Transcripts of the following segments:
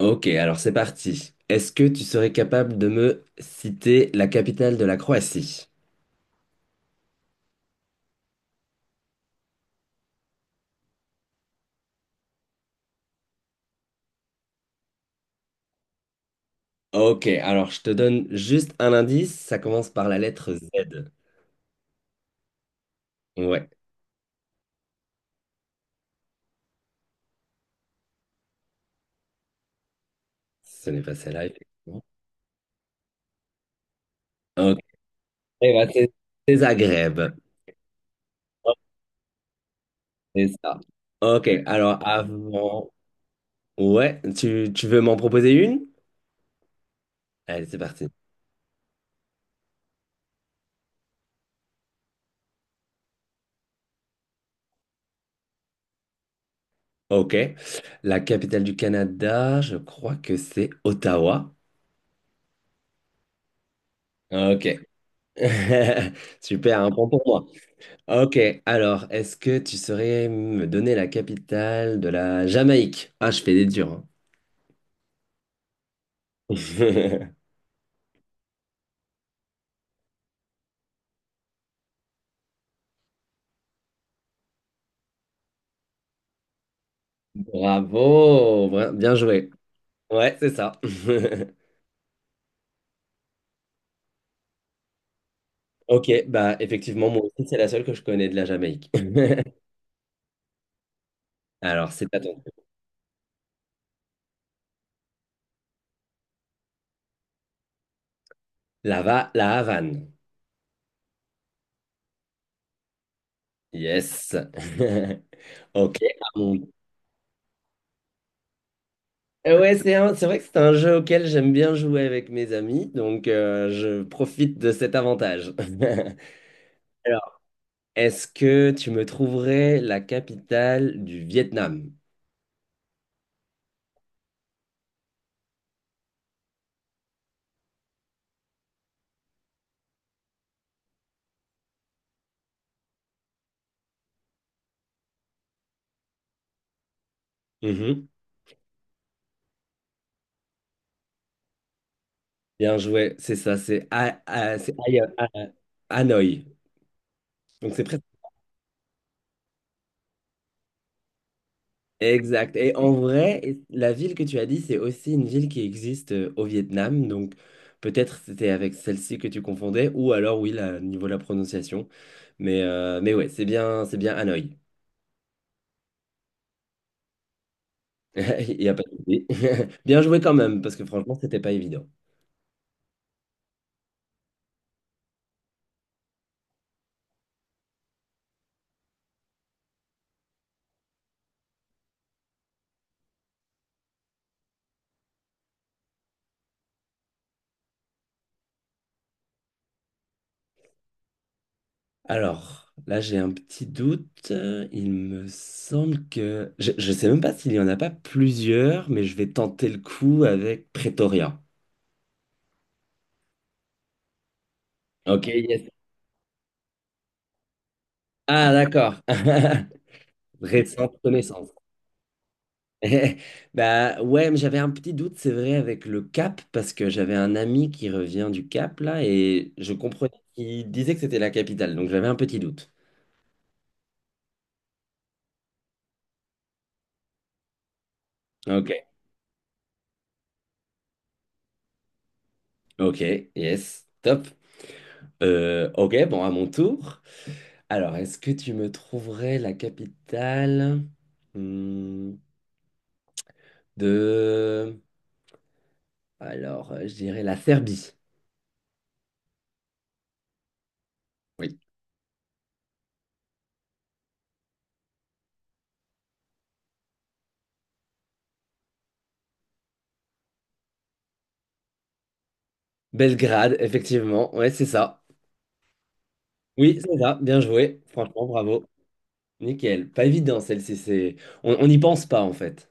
Ok, alors c'est parti. Est-ce que tu serais capable de me citer la capitale de la Croatie? Ok, alors je te donne juste un indice, ça commence par la lettre Z. Ouais, ce n'est pas celle-là, effectivement. Ok, eh ben, c'est Zagreb. Ouais, c'est ça. Ok, alors avant... Ouais, tu veux m'en proposer une? Allez, c'est parti. Ok, la capitale du Canada, je crois que c'est Ottawa. Ok. Super, un point pour moi. Ok, alors, est-ce que tu saurais me donner la capitale de la Jamaïque? Ah, je fais des durs, hein. Bravo, bien joué. Ouais, c'est ça. Ok, bah effectivement, moi aussi, c'est la seule que je connais de la Jamaïque. Alors, c'est à ton tour. La, la Havane. Yes. Ok, ouais, c'est vrai que c'est un jeu auquel j'aime bien jouer avec mes amis, donc je profite de cet avantage. Est-ce que tu me trouverais la capitale du Vietnam? Mhm. Bien joué, c'est ça, c'est Hanoï. Hanoï. Donc c'est presque exact. Et en vrai, la ville que tu as dit, c'est aussi une ville qui existe au Vietnam. Donc peut-être c'était avec celle-ci que tu confondais, ou alors oui, là, au niveau de la prononciation. Mais ouais, c'est bien Hanoï. Il n'y a pas de souci. Bien joué quand même, parce que franchement, c'était pas évident. Alors, là, j'ai un petit doute. Il me semble que... Je ne sais même pas s'il y en a pas plusieurs, mais je vais tenter le coup avec Pretoria. Ok, yes. Ah, d'accord. Récente connaissance. Eh, bah ouais, mais j'avais un petit doute, c'est vrai, avec le Cap, parce que j'avais un ami qui revient du Cap, là, et je comprenais qu'il disait que c'était la capitale, donc j'avais un petit doute. Ok, ok, yes, top. Ok, bon, à mon tour. Alors, est-ce que tu me trouverais la capitale, hmm, de... Alors, je dirais la Serbie. Oui. Belgrade, effectivement. Ouais, c'est ça. Oui, c'est ça. Bien joué. Franchement, bravo. Nickel. Pas évident, celle-ci. C'est... On n'y pense pas, en fait.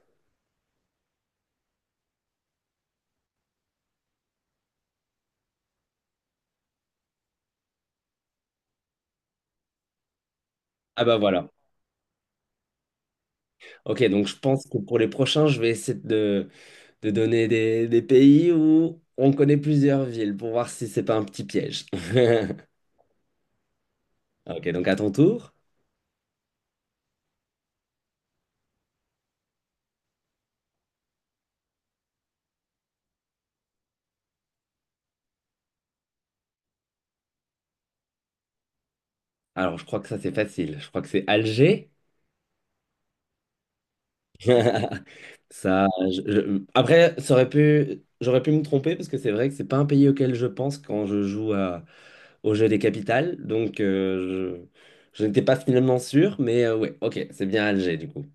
Ah bah voilà. Ok, donc je pense que pour les prochains, je vais essayer de donner des pays où on connaît plusieurs villes pour voir si c'est pas un petit piège. Ok, donc à ton tour. Alors, je crois que ça, c'est facile. Je crois que c'est Alger. Ça, après, ça aurait pu... j'aurais pu me tromper parce que c'est vrai que c'est pas un pays auquel je pense quand je joue à... au jeu des capitales. Donc, je n'étais pas finalement sûr, mais ouais, ok, c'est bien Alger du coup.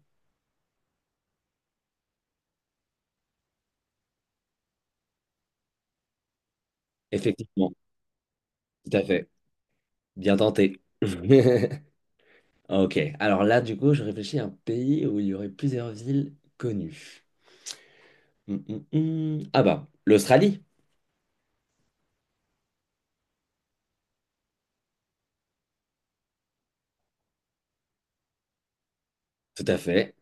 Effectivement, tout à fait. Bien tenté. Ok, alors là, du coup, je réfléchis à un pays où il y aurait plusieurs villes connues. Ah bah, l'Australie. Tout à fait.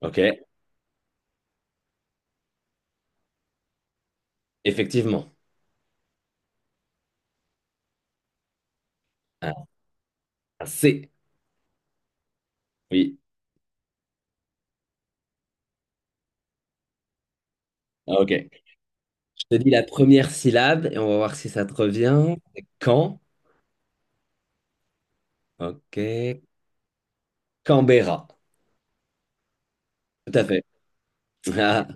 Ok, effectivement. Ah, c'est. Oui. Ah, ok. Je te dis la première syllabe et on va voir si ça te revient. Quand? Ok. Canberra. Tout à fait. Ah,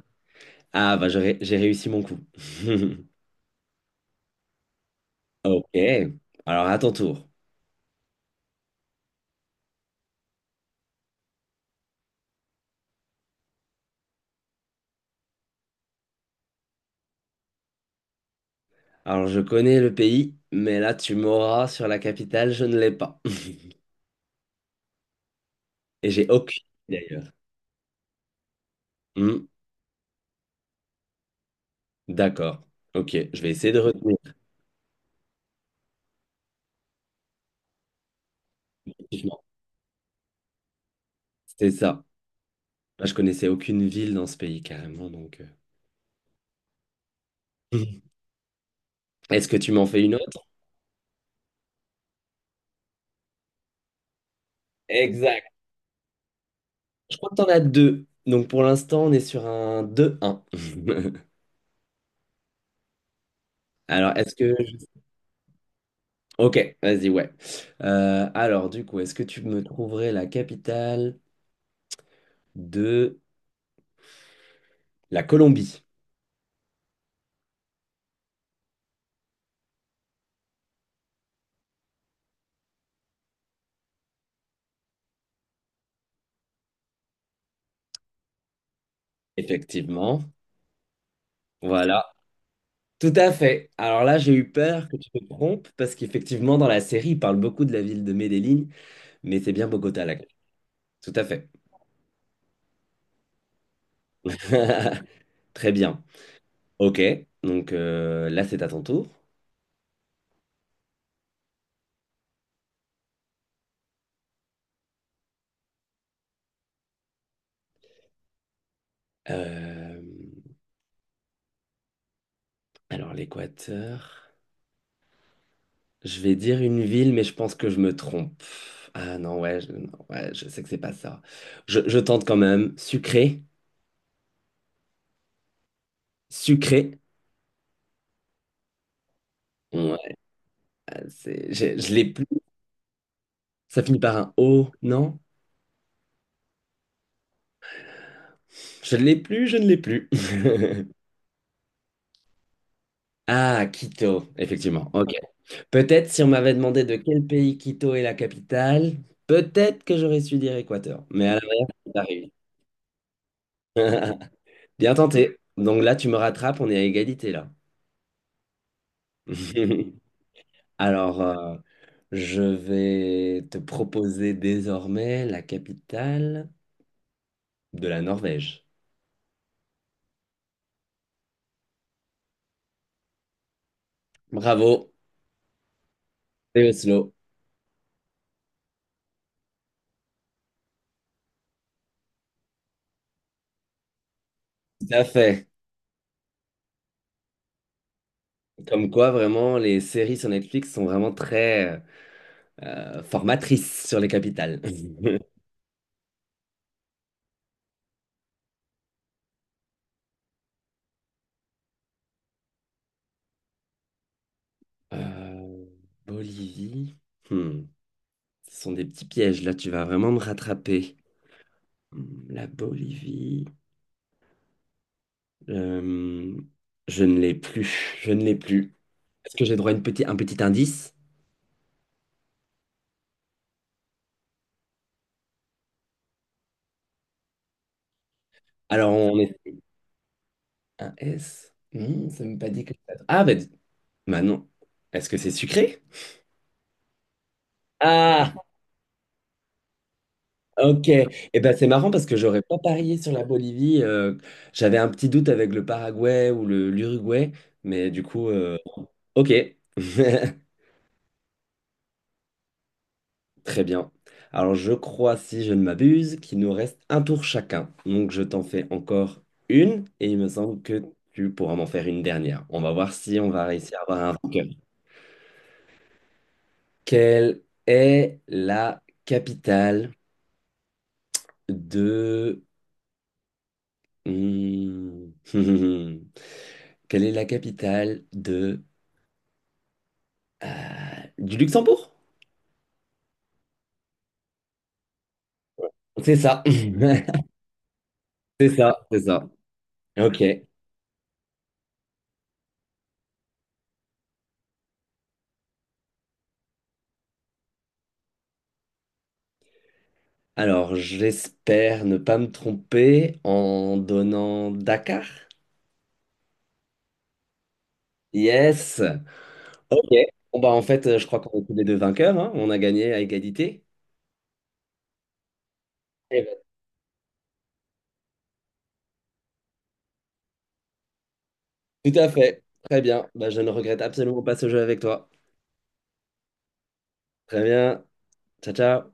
ah, j'ai réussi mon coup. Ok. Alors à ton tour. Alors je connais le pays, mais là tu m'auras sur la capitale, je ne l'ai pas. Et j'ai aucune idée, d'ailleurs. Hmm, d'accord. Ok, je vais essayer de retenir. Effectivement. C'est ça. Moi, je connaissais aucune ville dans ce pays carrément, donc, euh. Est-ce que tu m'en fais une autre? Exact. Je crois que t'en as deux. Donc pour l'instant, on est sur un deux un. Alors, est-ce que... Ok, vas-y, ouais. Alors, du coup, est-ce que tu me trouverais la capitale de la Colombie? Effectivement. Voilà. Tout à fait. Alors là, j'ai eu peur que tu te trompes parce qu'effectivement, dans la série, il parle beaucoup de la ville de Medellín, mais c'est bien Bogota, là. Tout à fait. Très bien. Ok. Donc là, c'est à ton tour. Euh, Alors, l'Équateur. Je vais dire une ville, mais je pense que je me trompe. Ah non, non, ouais, je sais que c'est pas ça. Je tente quand même. Sucré. Sucré. Ouais, je l'ai plus. Ça finit par un O, non? Je ne l'ai plus, je ne l'ai plus. Ah, Quito, effectivement. Ok. Peut-être si on m'avait demandé de quel pays Quito est la capitale, peut-être que j'aurais su dire Équateur. Mais à la base, t'as réussi. Bien tenté. Donc là, tu me rattrapes, on est à égalité là. Alors, je vais te proposer désormais la capitale de la Norvège. Bravo, c'est Oslo. Tout à fait. Comme quoi, vraiment, les séries sur Netflix sont vraiment très formatrices sur les capitales. Euh, Bolivie. Hmm. Ce sont des petits pièges, là, tu vas vraiment me rattraper. Hmm, la Bolivie. Euh, je ne l'ai plus. Je ne l'ai plus. Est-ce que j'ai droit à un petit indice? Alors, on... Un S? Non, ça ne m'a pas dit que... Ah, bah non. Est-ce que c'est sucré? Ah, ok. Eh ben, c'est marrant parce que j'aurais pas parié sur la Bolivie. J'avais un petit doute avec le Paraguay ou le l'Uruguay, mais du coup, ok. Très bien. Alors, je crois, si je ne m'abuse, qu'il nous reste un tour chacun. Donc, je t'en fais encore une et il me semble que tu pourras m'en faire une dernière. On va voir si on va réussir à avoir un vainqueur. Quelle est la capitale de... Hmm. Quelle est la capitale de... du Luxembourg? C'est ça. C'est ça, c'est ça. Ok. Alors, j'espère ne pas me tromper en donnant Dakar. Yes. Ok. Bon, bah, en fait, je crois qu'on est tous les deux vainqueurs, hein. On a gagné à égalité. Eh ben, tout à fait. Très bien. Bah, je ne regrette absolument pas ce jeu avec toi. Très bien. Ciao, ciao.